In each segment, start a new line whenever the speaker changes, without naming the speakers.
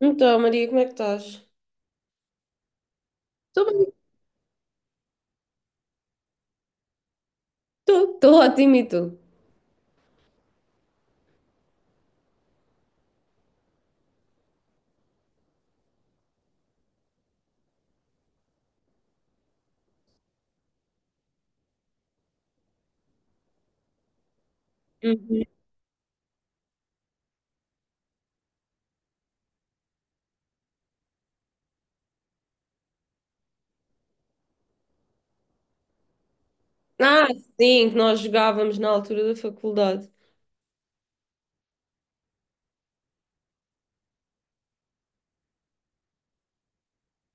Então, Maria, como é que estás? Estou bem, estou ótimo e tu? Uhum. Ah, sim, que nós jogávamos na altura da faculdade.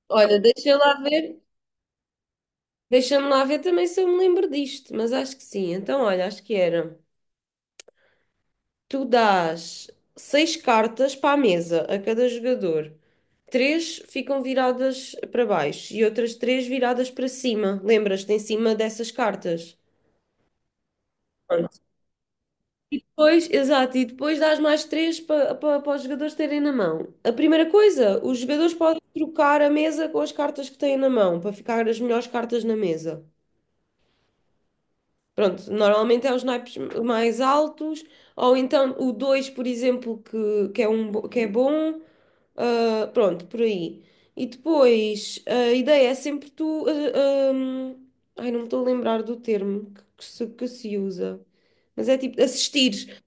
Olha, deixa lá ver, deixa-me lá ver também se eu me lembro disto, mas acho que sim. Então, olha, acho que era. Tu dás seis cartas para a mesa a cada jogador. Três ficam viradas para baixo e outras três viradas para cima. Lembras-te, em cima dessas cartas? Pois, exato, e depois dás mais três para os jogadores terem na mão. A primeira coisa, os jogadores podem trocar a mesa com as cartas que têm na mão, para ficar as melhores cartas na mesa. Pronto, normalmente é os naipes mais altos, ou então o 2 por exemplo, é um, que é bom. Pronto, por aí. E depois, a ideia é sempre tu. Ai, não me estou a lembrar do termo que se usa, mas é tipo assistir.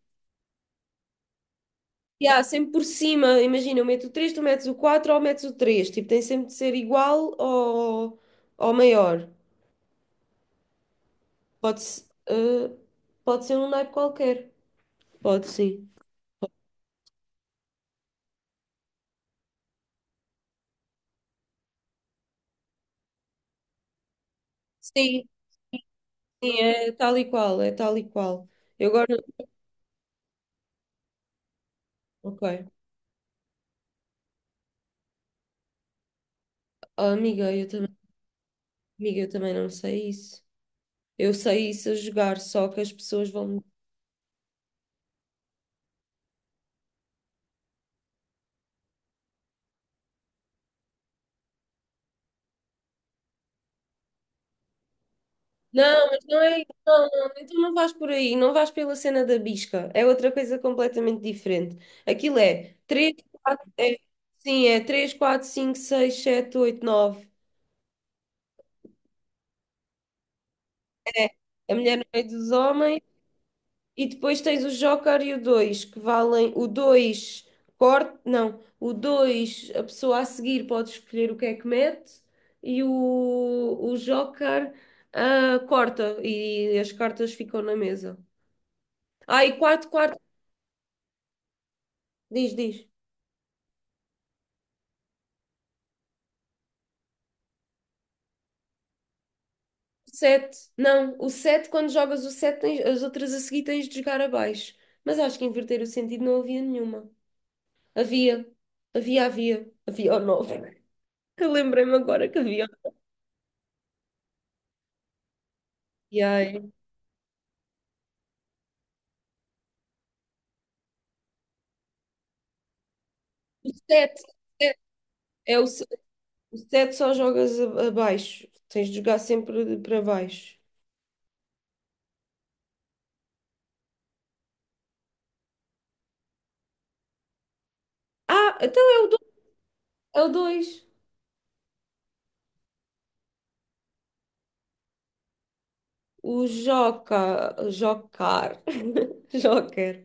Yeah, sempre por cima, imagina, eu meto o 3, tu metes o 4 ou metes o três. Tipo, tem sempre de ser igual ou maior. Pode, pode ser um naipe qualquer. Pode sim. Sim, é tal e qual, é tal e qual. Eu agora. Ok. Oh, amiga, eu também não sei isso. Eu sei isso a jogar, só que as pessoas vão. Não, mas não é. Não, não, então não vais por aí, não vais pela cena da bisca. É outra coisa completamente diferente. Aquilo é 3, 4. É, sim, é 3, 4, 5, 6, 7, 8, 9. A mulher no meio dos homens. E depois tens o Joker e o 2 que valem. O 2 corte, não. O 2 a pessoa a seguir pode escolher o que é que mete. E o Joker corta. E as cartas ficam na mesa. Ah, e 4, 4. Diz, diz. Sete. Não, o sete, quando jogas o sete, as outras a seguir tens de jogar abaixo. Mas acho que inverter o sentido não havia nenhuma. Havia. Havia, havia. Havia o nove. Eu lembrei-me agora que havia. E aí? O sete é o, se- o sete só jogas abaixo. Tens de jogar sempre para baixo. Ah, então é o dois. O Joca, Jocar. Joker.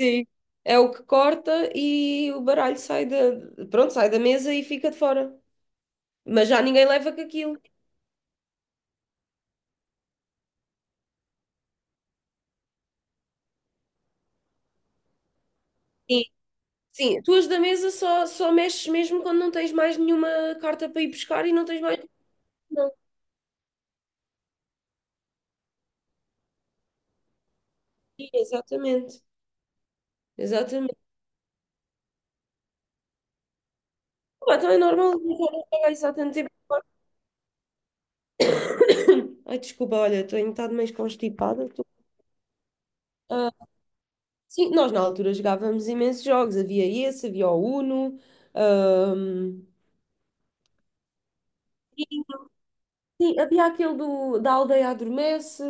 Sim. É o que corta e o baralho sai da, pronto, sai da mesa e fica de fora. Mas já ninguém leva com aquilo. Sim. Sim, tu as da mesa só mexes mesmo quando não tens mais nenhuma carta para ir buscar e não tens mais. Não. Sim, exatamente. Exatamente. Ah, então é normal eu já não jogar isso há tanto tempo. Ai, desculpa, olha, estou um bocado meio constipada. Tô- Ah, sim, nós na altura jogávamos imensos jogos. Havia esse, havia o Uno. Ah, sim, havia aquele do, da aldeia adormece.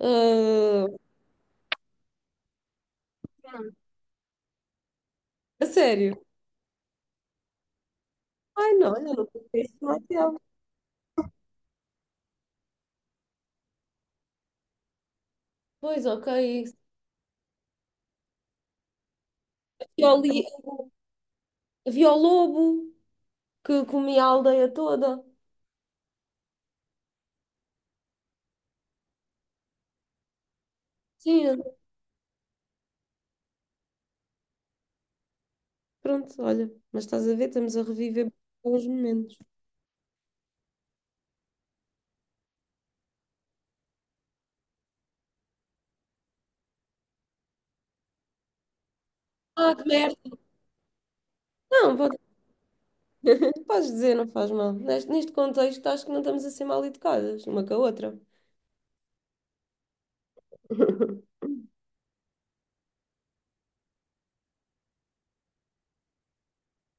Ah, a sério? Ai, não, olha, não conheço demasiado. Pois, ok. Havia o li- havia o lobo que comia a aldeia toda. Sim, pronto, olha. Mas estás a ver, estamos a reviver bons momentos. Ah, que merda! Não, pode- podes dizer, não faz mal. Neste contexto, acho que não estamos a ser mal educadas, uma com a outra.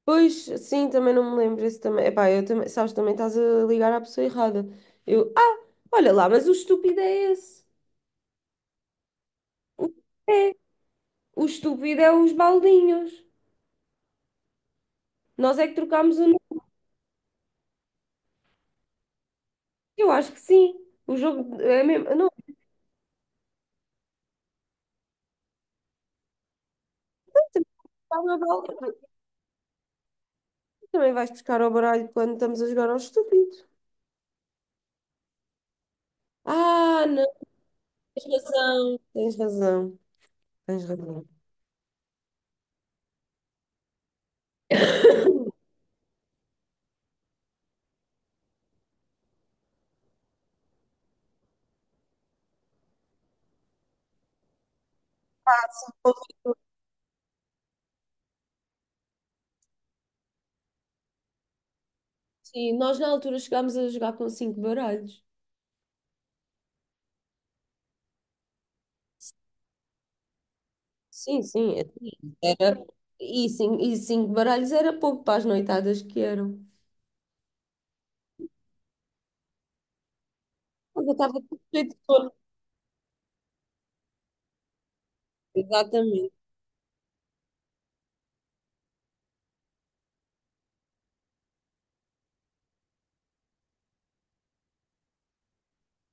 Pois, sim, também não me lembro. Esse também. Epá, eu também, sabes, também estás a ligar à pessoa errada. Eu, ah, olha lá, mas o estúpido é esse. O- É, o estúpido é os baldinhos. Nós é que trocámos o nome. Eu acho que sim. O jogo é mesmo. Não, também vai ao balde- também vais buscar ao baralho quando estamos a jogar ao estúpido. Ah, não, tens razão. Tens razão. Tens razão. Sim, nós na altura chegámos a jogar com 5 baralhos. Sim, sim. Tipo, era... E, sim, e 5 baralhos era pouco para as noitadas que eram. Eu estava com cheio de sono. Exatamente.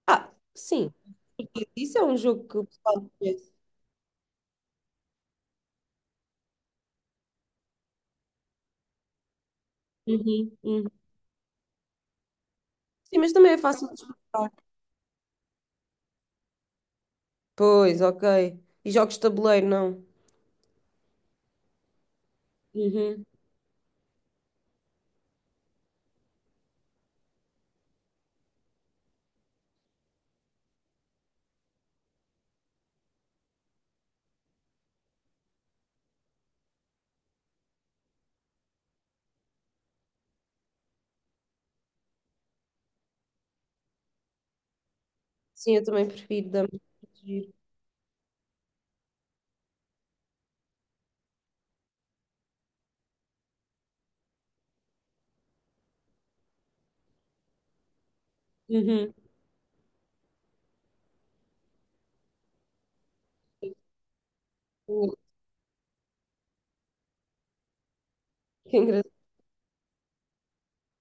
Ah, sim. Isso é um jogo que o pessoal conhece. Uhum, uhum. Sim, mas também é fácil de explicar. Pois, ok. E jogos de tabuleiro, não? Uhum. Sim, eu também prefiro dama. Giro. Uhum. Que engraçado.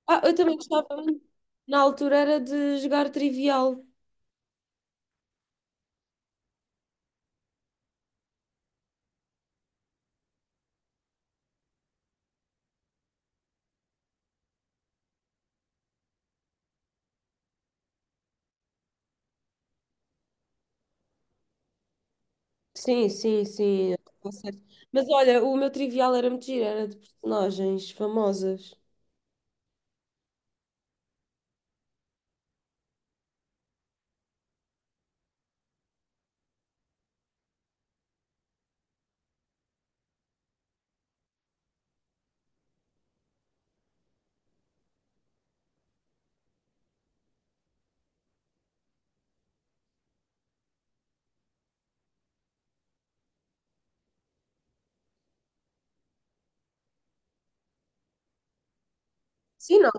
Ah, eu também gostava muito. Na altura era de jogar trivial. Sim, sim, sim. Eu tô certa. Mas olha, o meu trivial era muito giro, era de personagens famosas. Sim, não.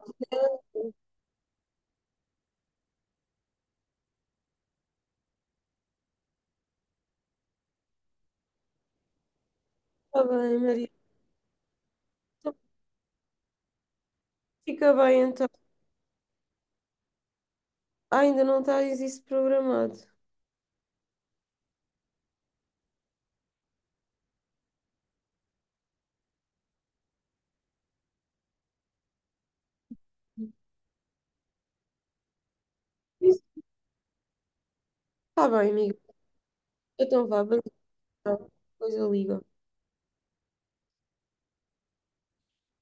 Está bem, Maria. Então, fica bem, então. Ah, ainda não tens isso programado. Isso está bem, amigo. Então vá, beleza. Depois eu ligo.